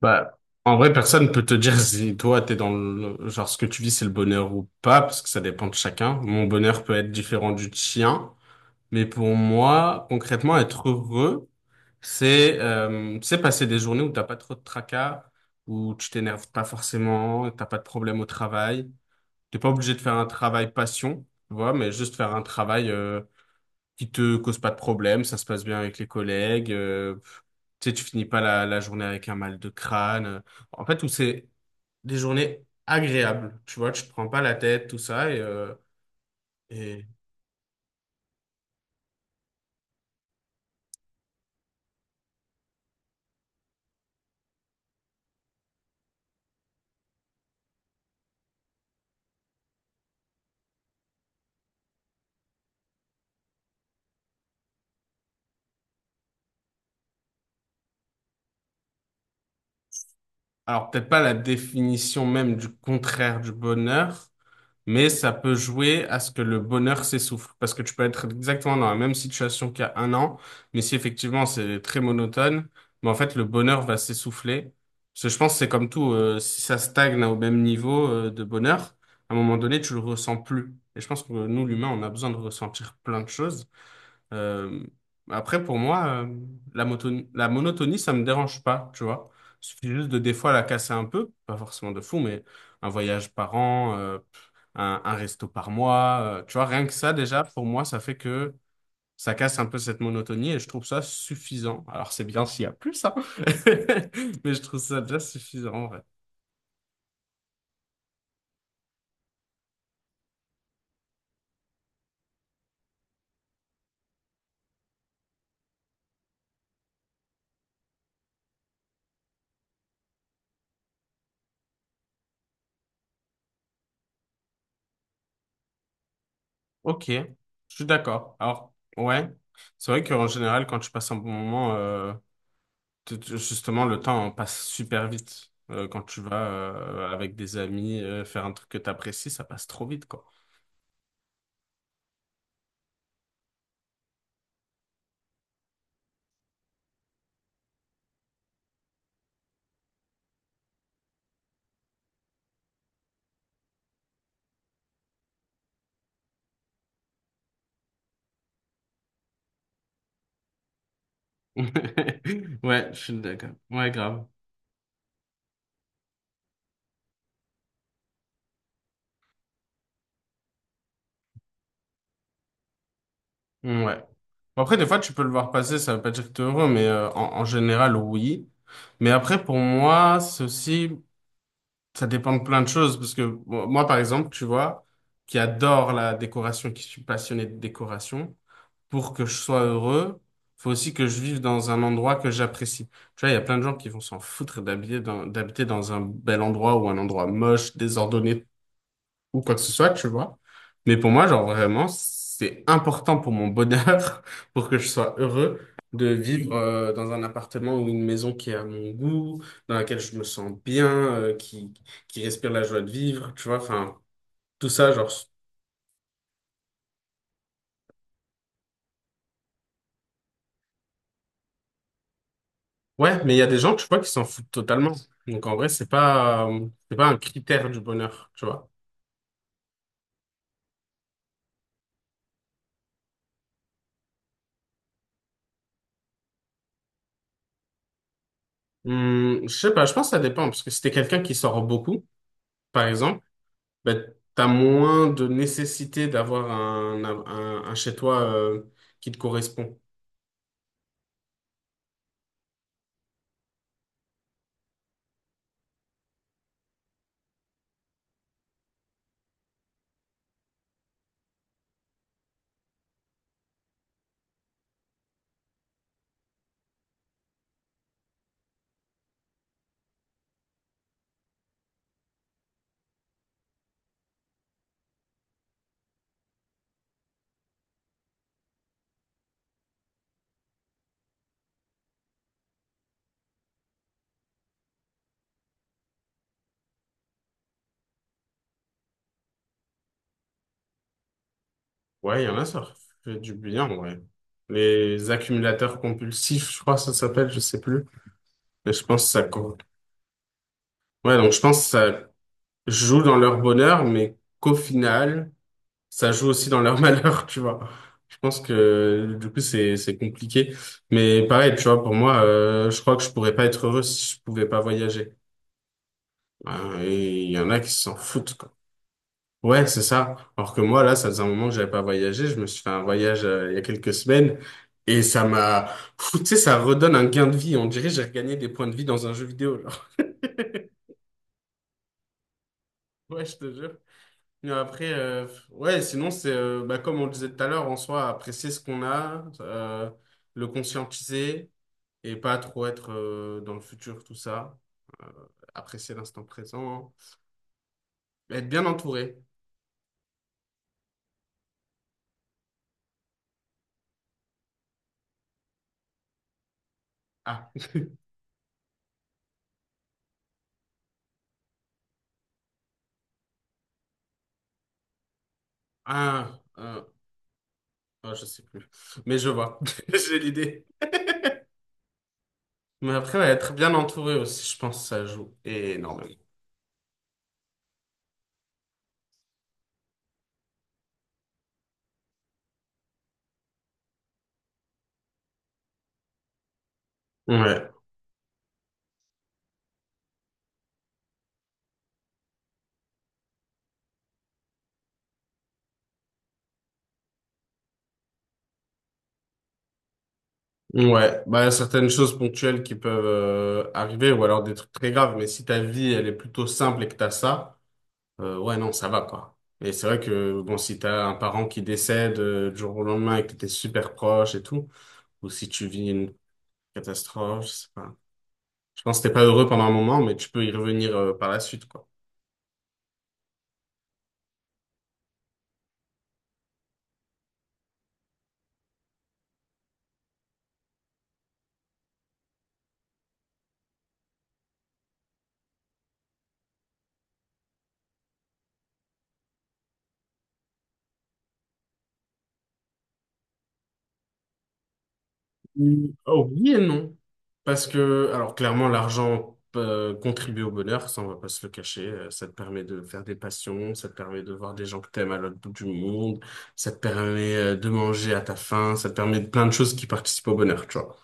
Bah, en vrai, personne peut te dire si toi, t'es dans le, genre, ce que tu vis, c'est le bonheur ou pas, parce que ça dépend de chacun. Mon bonheur peut être différent du tien, mais pour moi, concrètement, être heureux, c'est passer des journées où t'as pas trop de tracas, où tu t'énerves pas forcément, t'as pas de problème au travail. T'es pas obligé de faire un travail passion, tu vois, mais juste faire un travail, qui te cause pas de problème, ça se passe bien avec les collègues, tu sais, tu finis pas la journée avec un mal de crâne. En fait, où c'est des journées agréables, tu vois, tu te prends pas la tête, tout ça. Et... Alors, peut-être pas la définition même du contraire du bonheur, mais ça peut jouer à ce que le bonheur s'essouffle. Parce que tu peux être exactement dans la même situation qu'il y a un an, mais si effectivement c'est très monotone, mais en fait le bonheur va s'essouffler. Parce que je pense que c'est comme tout, si ça stagne au même niveau, de bonheur, à un moment donné, tu le ressens plus. Et je pense que nous, l'humain, on a besoin de ressentir plein de choses. Euh, après, pour moi, la monotonie, ça me dérange pas, tu vois. Il suffit juste de des fois la casser un peu, pas forcément de fou, mais un voyage par an, un resto par mois, tu vois, rien que ça, déjà, pour moi, ça fait que ça casse un peu cette monotonie et je trouve ça suffisant. Alors, c'est bien s'il y a plus, hein, mais je trouve ça déjà suffisant, en vrai. Ok, je suis d'accord. Alors, ouais, c'est vrai qu'en général, quand tu passes un bon moment, justement, le temps passe super vite. Quand tu vas avec des amis faire un truc que tu apprécies, ça passe trop vite, quoi. Ouais, je suis d'accord. Ouais, grave. Ouais. Bon, après, des fois, tu peux le voir passer, ça veut pas dire que t'es heureux, mais en, en général, oui. Mais après, pour moi, ceci ça dépend de plein de choses, parce que bon, moi, par exemple, tu vois, qui adore la décoration, qui suis passionné de décoration, pour que je sois heureux, faut aussi que je vive dans un endroit que j'apprécie. Tu vois, il y a plein de gens qui vont s'en foutre d'habiter dans un bel endroit ou un endroit moche, désordonné, ou quoi que ce soit, tu vois. Mais pour moi, genre vraiment, c'est important pour mon bonheur, pour que je sois heureux, de vivre dans un appartement ou une maison qui est à mon goût, dans laquelle je me sens bien, qui respire la joie de vivre, tu vois. Enfin, tout ça, genre. Ouais, mais il y a des gens, tu vois, qui s'en foutent totalement. Donc en vrai, c'est pas un critère du bonheur, tu vois. Je sais pas, je pense que ça dépend, parce que si t'es quelqu'un qui sort beaucoup, par exemple, ben, tu as moins de nécessité d'avoir un chez toi qui te correspond. Ouais, il y en a, ça fait du bien, en vrai. Les accumulateurs compulsifs, je crois que ça s'appelle, je sais plus. Mais je pense que ouais, donc je pense que ça joue dans leur bonheur, mais qu'au final, ça joue aussi dans leur malheur, tu vois. Je pense que du coup, c'est compliqué. Mais pareil, tu vois, pour moi, je crois que je pourrais pas être heureux si je pouvais pas voyager. Et il y en a qui s'en foutent, quoi. Ouais, c'est ça. Alors que moi, là, ça faisait un moment que j'avais pas voyagé. Je me suis fait un voyage il y a quelques semaines et ça m'a, pfff, tu sais, ça redonne un gain de vie. On dirait que j'ai regagné des points de vie dans un jeu vidéo. Genre. Ouais, je te jure. Mais après, ouais, sinon, c'est bah, comme on le disait tout à l'heure, en soi, apprécier ce qu'on a, le conscientiser et pas trop être dans le futur, tout ça. Euh, Apprécier l'instant présent, être bien entouré. Ah, ah, euh, oh, je sais plus. Mais je vois, j'ai l'idée. Mais après, ouais, être bien entouré aussi, je pense que ça joue énormément. Ouais, ouais. Bah, certaines choses ponctuelles qui peuvent arriver, ou alors des trucs très graves, mais si ta vie, elle est plutôt simple et que t'as ça, ouais, non, ça va, quoi. Et c'est vrai que, bon, si t'as un parent qui décède du jour au lendemain et que t'es super proche et tout, ou si tu vis une catastrophe, je sais pas. Je pense que t'es pas heureux pendant un moment, mais tu peux y revenir par la suite, quoi. Mm, oh, oui et non. Parce que, alors clairement, l'argent contribue au bonheur, ça on va pas se le cacher. Ça te permet de faire des passions, ça te permet de voir des gens que t'aimes à l'autre bout du monde, ça te permet de manger à ta faim, ça te permet de plein de choses qui participent au bonheur, tu vois.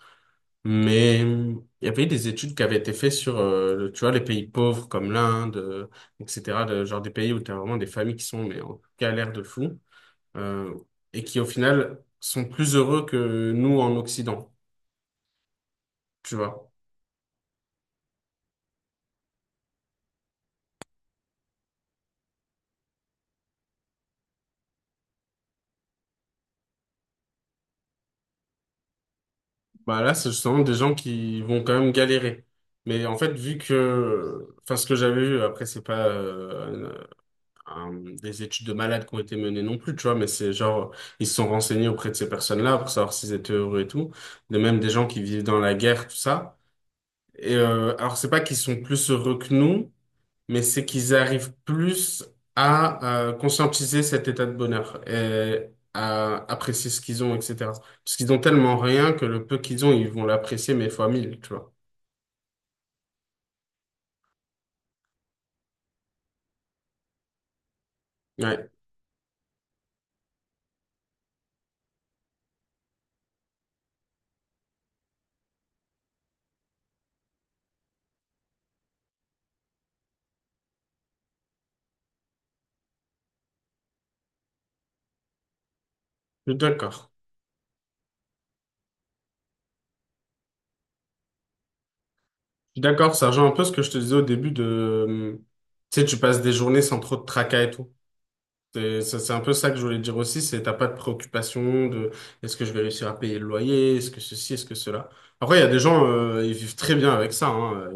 Mais il y avait des études qui avaient été faites sur, tu vois, les pays pauvres comme l'Inde, etc. Genre des pays où tu as vraiment des familles qui sont mais en galère de fou euh, et qui au final sont plus heureux que nous en Occident, tu vois. Bah là, c'est justement des gens qui vont quand même galérer. Mais en fait, vu que, enfin, ce que j'avais vu, après, c'est pas un- un- des études de malades qui ont été menées non plus, tu vois, mais c'est genre, ils se sont renseignés auprès de ces personnes-là pour savoir s'ils étaient heureux et tout. De même, des gens qui vivent dans la guerre, tout ça. Et alors, c'est pas qu'ils sont plus heureux que nous, mais c'est qu'ils arrivent plus à conscientiser cet état de bonheur et à apprécier ce qu'ils ont, etc. Parce qu'ils ont tellement rien que le peu qu'ils ont, ils vont l'apprécier, mais fois mille, tu vois. Ouais, je suis d'accord. Je suis d'accord, ça rejoint un peu ce que je te disais au début de... Tu sais, tu passes des journées sans trop de tracas et tout. C'est un peu ça que je voulais dire aussi, c'est t'as pas de préoccupation de est-ce que je vais réussir à payer le loyer, est-ce que ceci, est-ce que cela. Après, il y a des gens, ils vivent très bien avec ça, hein,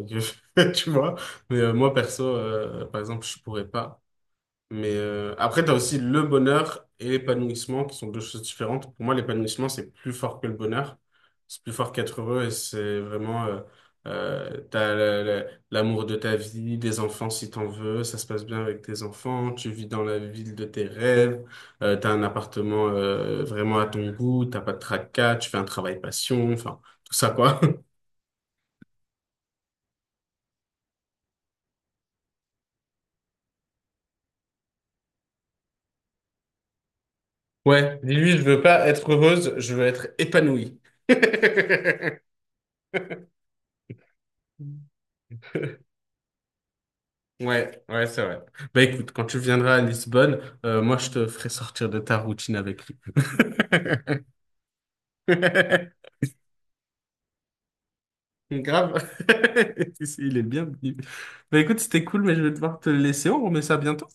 tu vois. Mais moi, perso, par exemple, je pourrais pas. Mais après, tu as aussi le bonheur et l'épanouissement qui sont deux choses différentes. Pour moi, l'épanouissement, c'est plus fort que le bonheur. C'est plus fort qu'être heureux et c'est vraiment, euh, t'as la- la- l'amour de ta vie, des enfants si t'en veux, ça se passe bien avec tes enfants, tu vis dans la ville de tes rêves, t'as un appartement vraiment à ton goût, t'as pas de tracas, tu fais un travail passion, enfin, tout ça quoi. Ouais, dis-lui, je veux pas être heureuse, je veux être épanouie. Ouais, ouais, c'est vrai. Bah écoute, quand tu viendras à Lisbonne, moi je te ferai sortir de ta routine avec lui. Grave. Il est bienvenu. Bah écoute, c'était cool, mais je vais devoir te laisser. On remet ça bientôt.